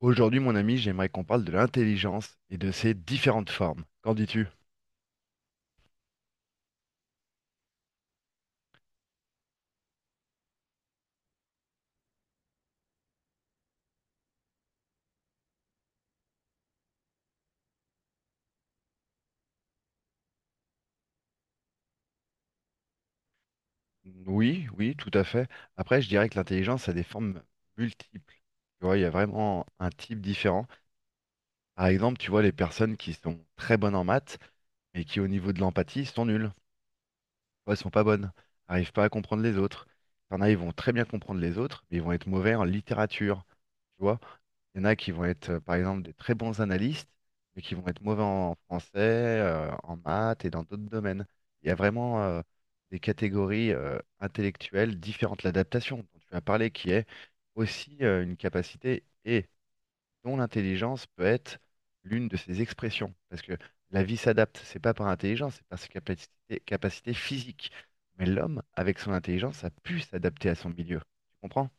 Aujourd'hui, mon ami, j'aimerais qu'on parle de l'intelligence et de ses différentes formes. Qu'en dis-tu? Oui, oui, tout à fait. Après, je dirais que l'intelligence a des formes multiples. Tu vois, il y a vraiment un type différent. Par exemple, tu vois les personnes qui sont très bonnes en maths, mais qui au niveau de l'empathie sont nulles. Ou elles sont pas bonnes, n'arrivent pas à comprendre les autres. Il y en a, ils vont très bien comprendre les autres, mais ils vont être mauvais en littérature. Tu vois, il y en a qui vont être, par exemple, des très bons analystes, mais qui vont être mauvais en français, en maths et dans d'autres domaines. Il y a vraiment des catégories intellectuelles différentes. L'adaptation dont tu as parlé, qui est aussi une capacité et dont l'intelligence peut être l'une de ses expressions. Parce que la vie s'adapte, c'est pas par intelligence, c'est par ses capacités, capacités physiques. Mais l'homme, avec son intelligence, a pu s'adapter à son milieu. Tu comprends?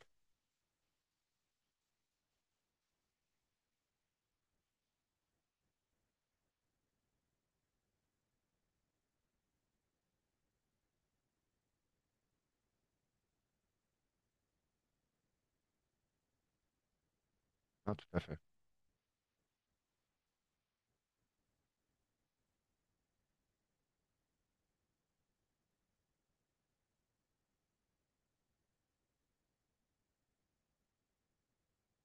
Hein, tout à fait.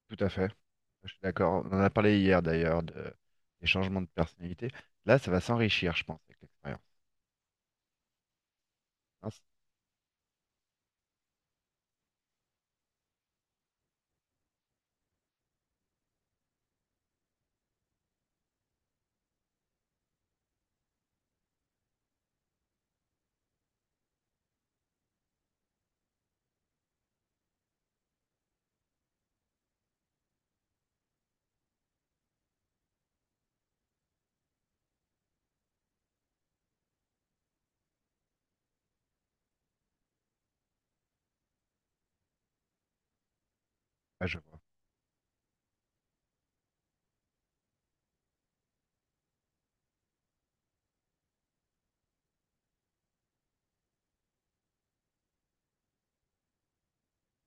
Tout à fait. Je suis d'accord. On en a parlé hier d'ailleurs des changements de personnalité. Là, ça va s'enrichir, je pense, avec l'expérience. Hein, ah, je vois.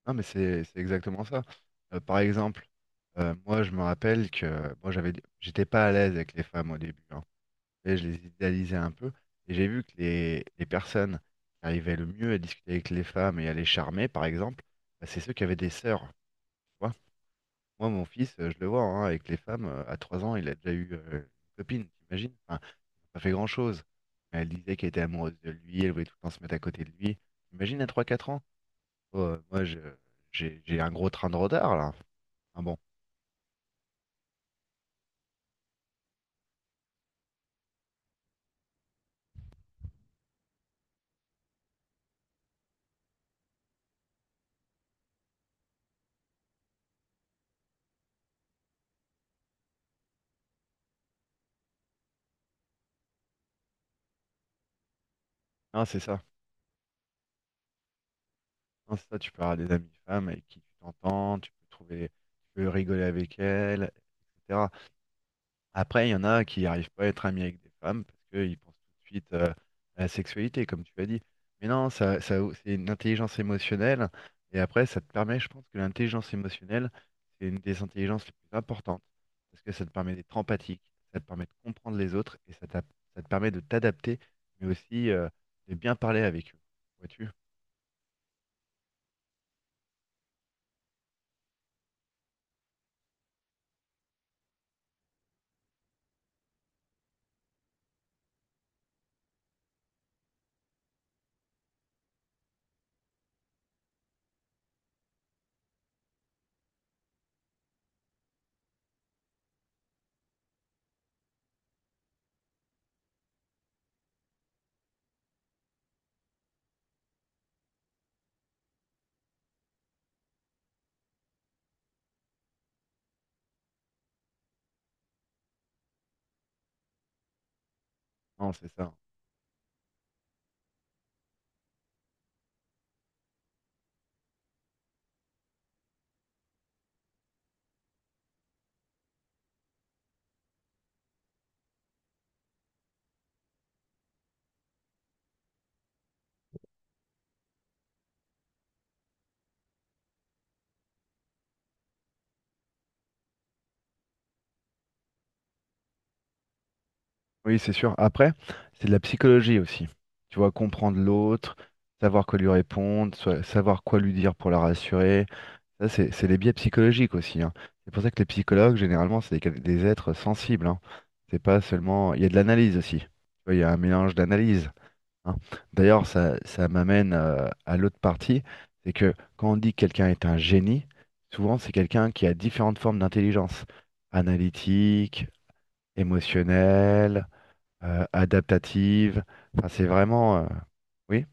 Non, mais c'est exactement ça. Par exemple, moi, je me rappelle que moi, j'avais, j'étais pas à l'aise avec les femmes au début, hein. Et je les idéalisais un peu. Et j'ai vu que les personnes qui arrivaient le mieux à discuter avec les femmes et à les charmer, par exemple, bah, c'est ceux qui avaient des sœurs, tu vois. Moi, mon fils, je le vois hein, avec les femmes, à 3 ans, il a déjà eu une copine, t'imagines? Enfin, pas fait grand-chose. Mais elle disait qu'elle était amoureuse de lui, elle voulait tout le temps se mettre à côté de lui. Imagine à trois quatre ans. Oh, euh, moi, j'ai un gros train de retard, là. Ah bon. Non, c'est ça. Non, c'est ça, tu peux avoir des amis femmes avec qui tu t'entends, tu peux trouver, tu peux rigoler avec elles, etc. Après, il y en a qui n'arrivent pas à être amis avec des femmes parce qu'ils pensent tout de suite à la sexualité, comme tu as dit. Mais non, ça, c'est une intelligence émotionnelle. Et après, ça te permet, je pense que l'intelligence émotionnelle, c'est une des intelligences les plus importantes parce que ça te permet d'être empathique, ça te permet de comprendre les autres et ça te permet de t'adapter, mais aussi de bien parler avec eux. Vois-tu? Non, c'est ça. Oui, c'est sûr. Après, c'est de la psychologie aussi. Tu vois, comprendre l'autre, savoir quoi lui répondre, savoir quoi lui dire pour la rassurer. Ça, c'est les biais psychologiques aussi, hein. C'est pour ça que les psychologues, généralement, c'est des êtres sensibles, hein. C'est pas seulement. Il y a de l'analyse aussi. Tu vois, il y a un mélange d'analyse, hein. D'ailleurs, ça m'amène à l'autre partie. C'est que quand on dit que quelqu'un est un génie, souvent, c'est quelqu'un qui a différentes formes d'intelligence. Analytique, émotionnelle adaptative. Enfin, c'est vraiment. Oui.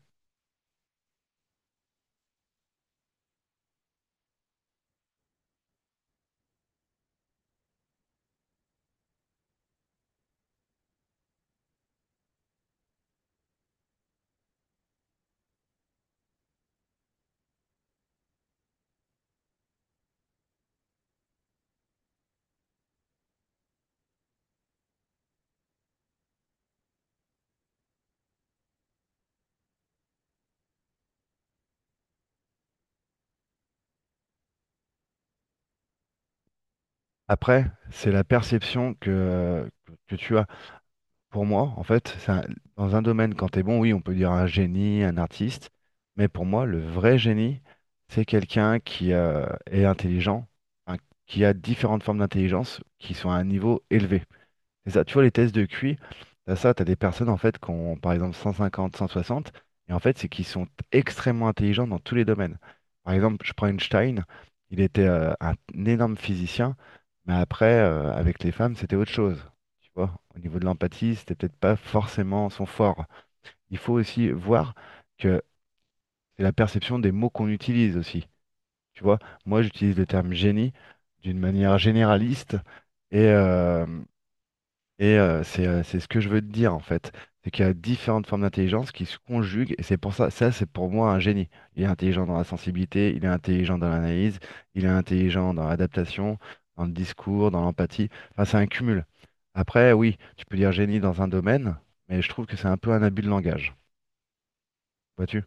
Après, c'est la perception que tu as. Pour moi, en fait, dans un domaine, quand tu es bon, oui, on peut dire un génie, un artiste. Mais pour moi, le vrai génie, c'est quelqu'un qui est intelligent, hein, qui a différentes formes d'intelligence qui sont à un niveau élevé. C'est ça, tu vois, les tests de QI, t'as ça, t'as des personnes en fait qui ont par exemple 150, 160, et en fait, c'est qu'ils sont extrêmement intelligents dans tous les domaines. Par exemple, je prends Einstein, il était un énorme physicien, mais après, avec les femmes, c'était autre chose. Tu vois, au niveau de l'empathie, c'était peut-être pas forcément son fort. Il faut aussi voir que c'est la perception des mots qu'on utilise aussi. Tu vois, moi, j'utilise le terme génie d'une manière généraliste. Et, euh, c'est ce que je veux te dire en fait, c'est qu'il y a différentes formes d'intelligence qui se conjuguent et c'est pour ça, ça c'est pour moi un génie. Il est intelligent dans la sensibilité, il est intelligent dans l'analyse, il est intelligent dans l'adaptation, dans le discours, dans l'empathie. Enfin, c'est un cumul. Après, oui, tu peux dire génie dans un domaine, mais je trouve que c'est un peu un abus de langage. Vois-tu?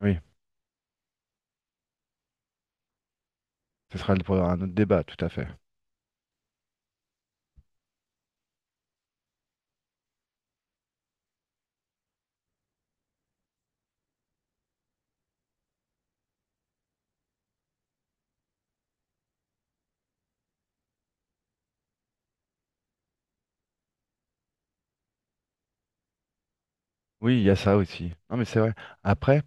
Oui, ce sera pour un autre débat, tout à fait. Oui, il y a ça aussi. Non, mais c'est vrai. Après,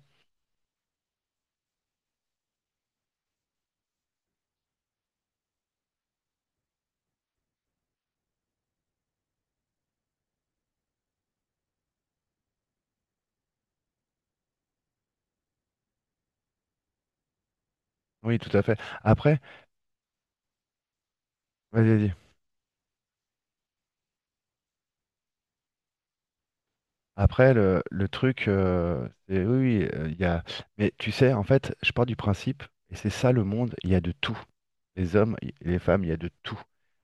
oui, tout à fait. Après, vas-y, vas-y. Après, le truc, c'est oui, oui, il y a. Mais tu sais, en fait, je pars du principe, et c'est ça le monde, il y a de tout. Les hommes, les femmes, il y a de tout.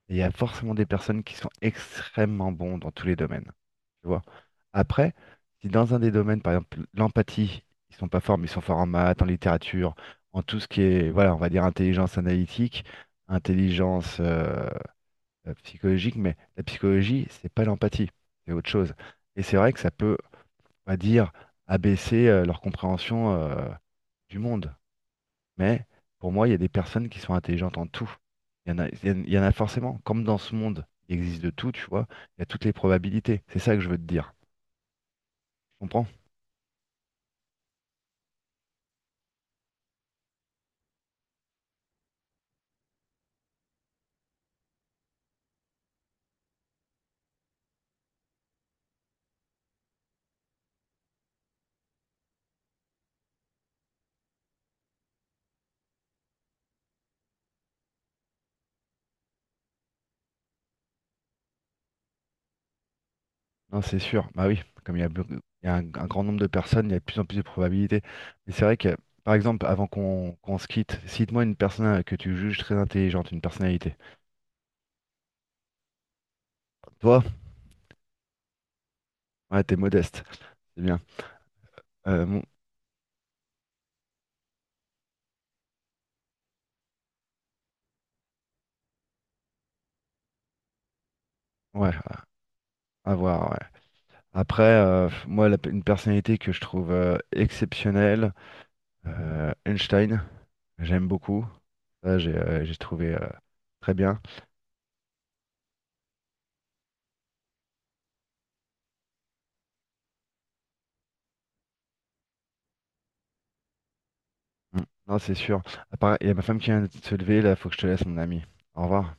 Et il y a forcément des personnes qui sont extrêmement bons dans tous les domaines. Tu vois. Après, si dans un des domaines, par exemple, l'empathie, ils sont pas forts, mais ils sont forts en maths, en littérature, en tout ce qui est, voilà, on va dire intelligence analytique, intelligence psychologique, mais la psychologie, c'est pas l'empathie, c'est autre chose. Et c'est vrai que ça peut on va dire, abaisser leur compréhension du monde. Mais pour moi, il y a des personnes qui sont intelligentes en tout. Il y en a, il y en a forcément. Comme dans ce monde, il existe de tout, tu vois. Il y a toutes les probabilités. C'est ça que je veux te dire. Tu comprends? Non, c'est sûr. Bah oui, comme il y a un grand nombre de personnes, il y a de plus en plus de probabilités. Mais c'est vrai que, par exemple, avant qu'on se quitte, cite-moi une personne que tu juges très intelligente, une personnalité. Toi, ouais, t'es modeste. C'est bien. Euh, mon- ouais, à voir. Ouais. Après, moi, la une personnalité que je trouve exceptionnelle, Einstein, j'aime beaucoup. Ça, j'ai trouvé très bien. Mm. Non, c'est sûr. À part- Il y a ma femme qui vient de se lever, là, faut que je te laisse, mon ami. Au revoir.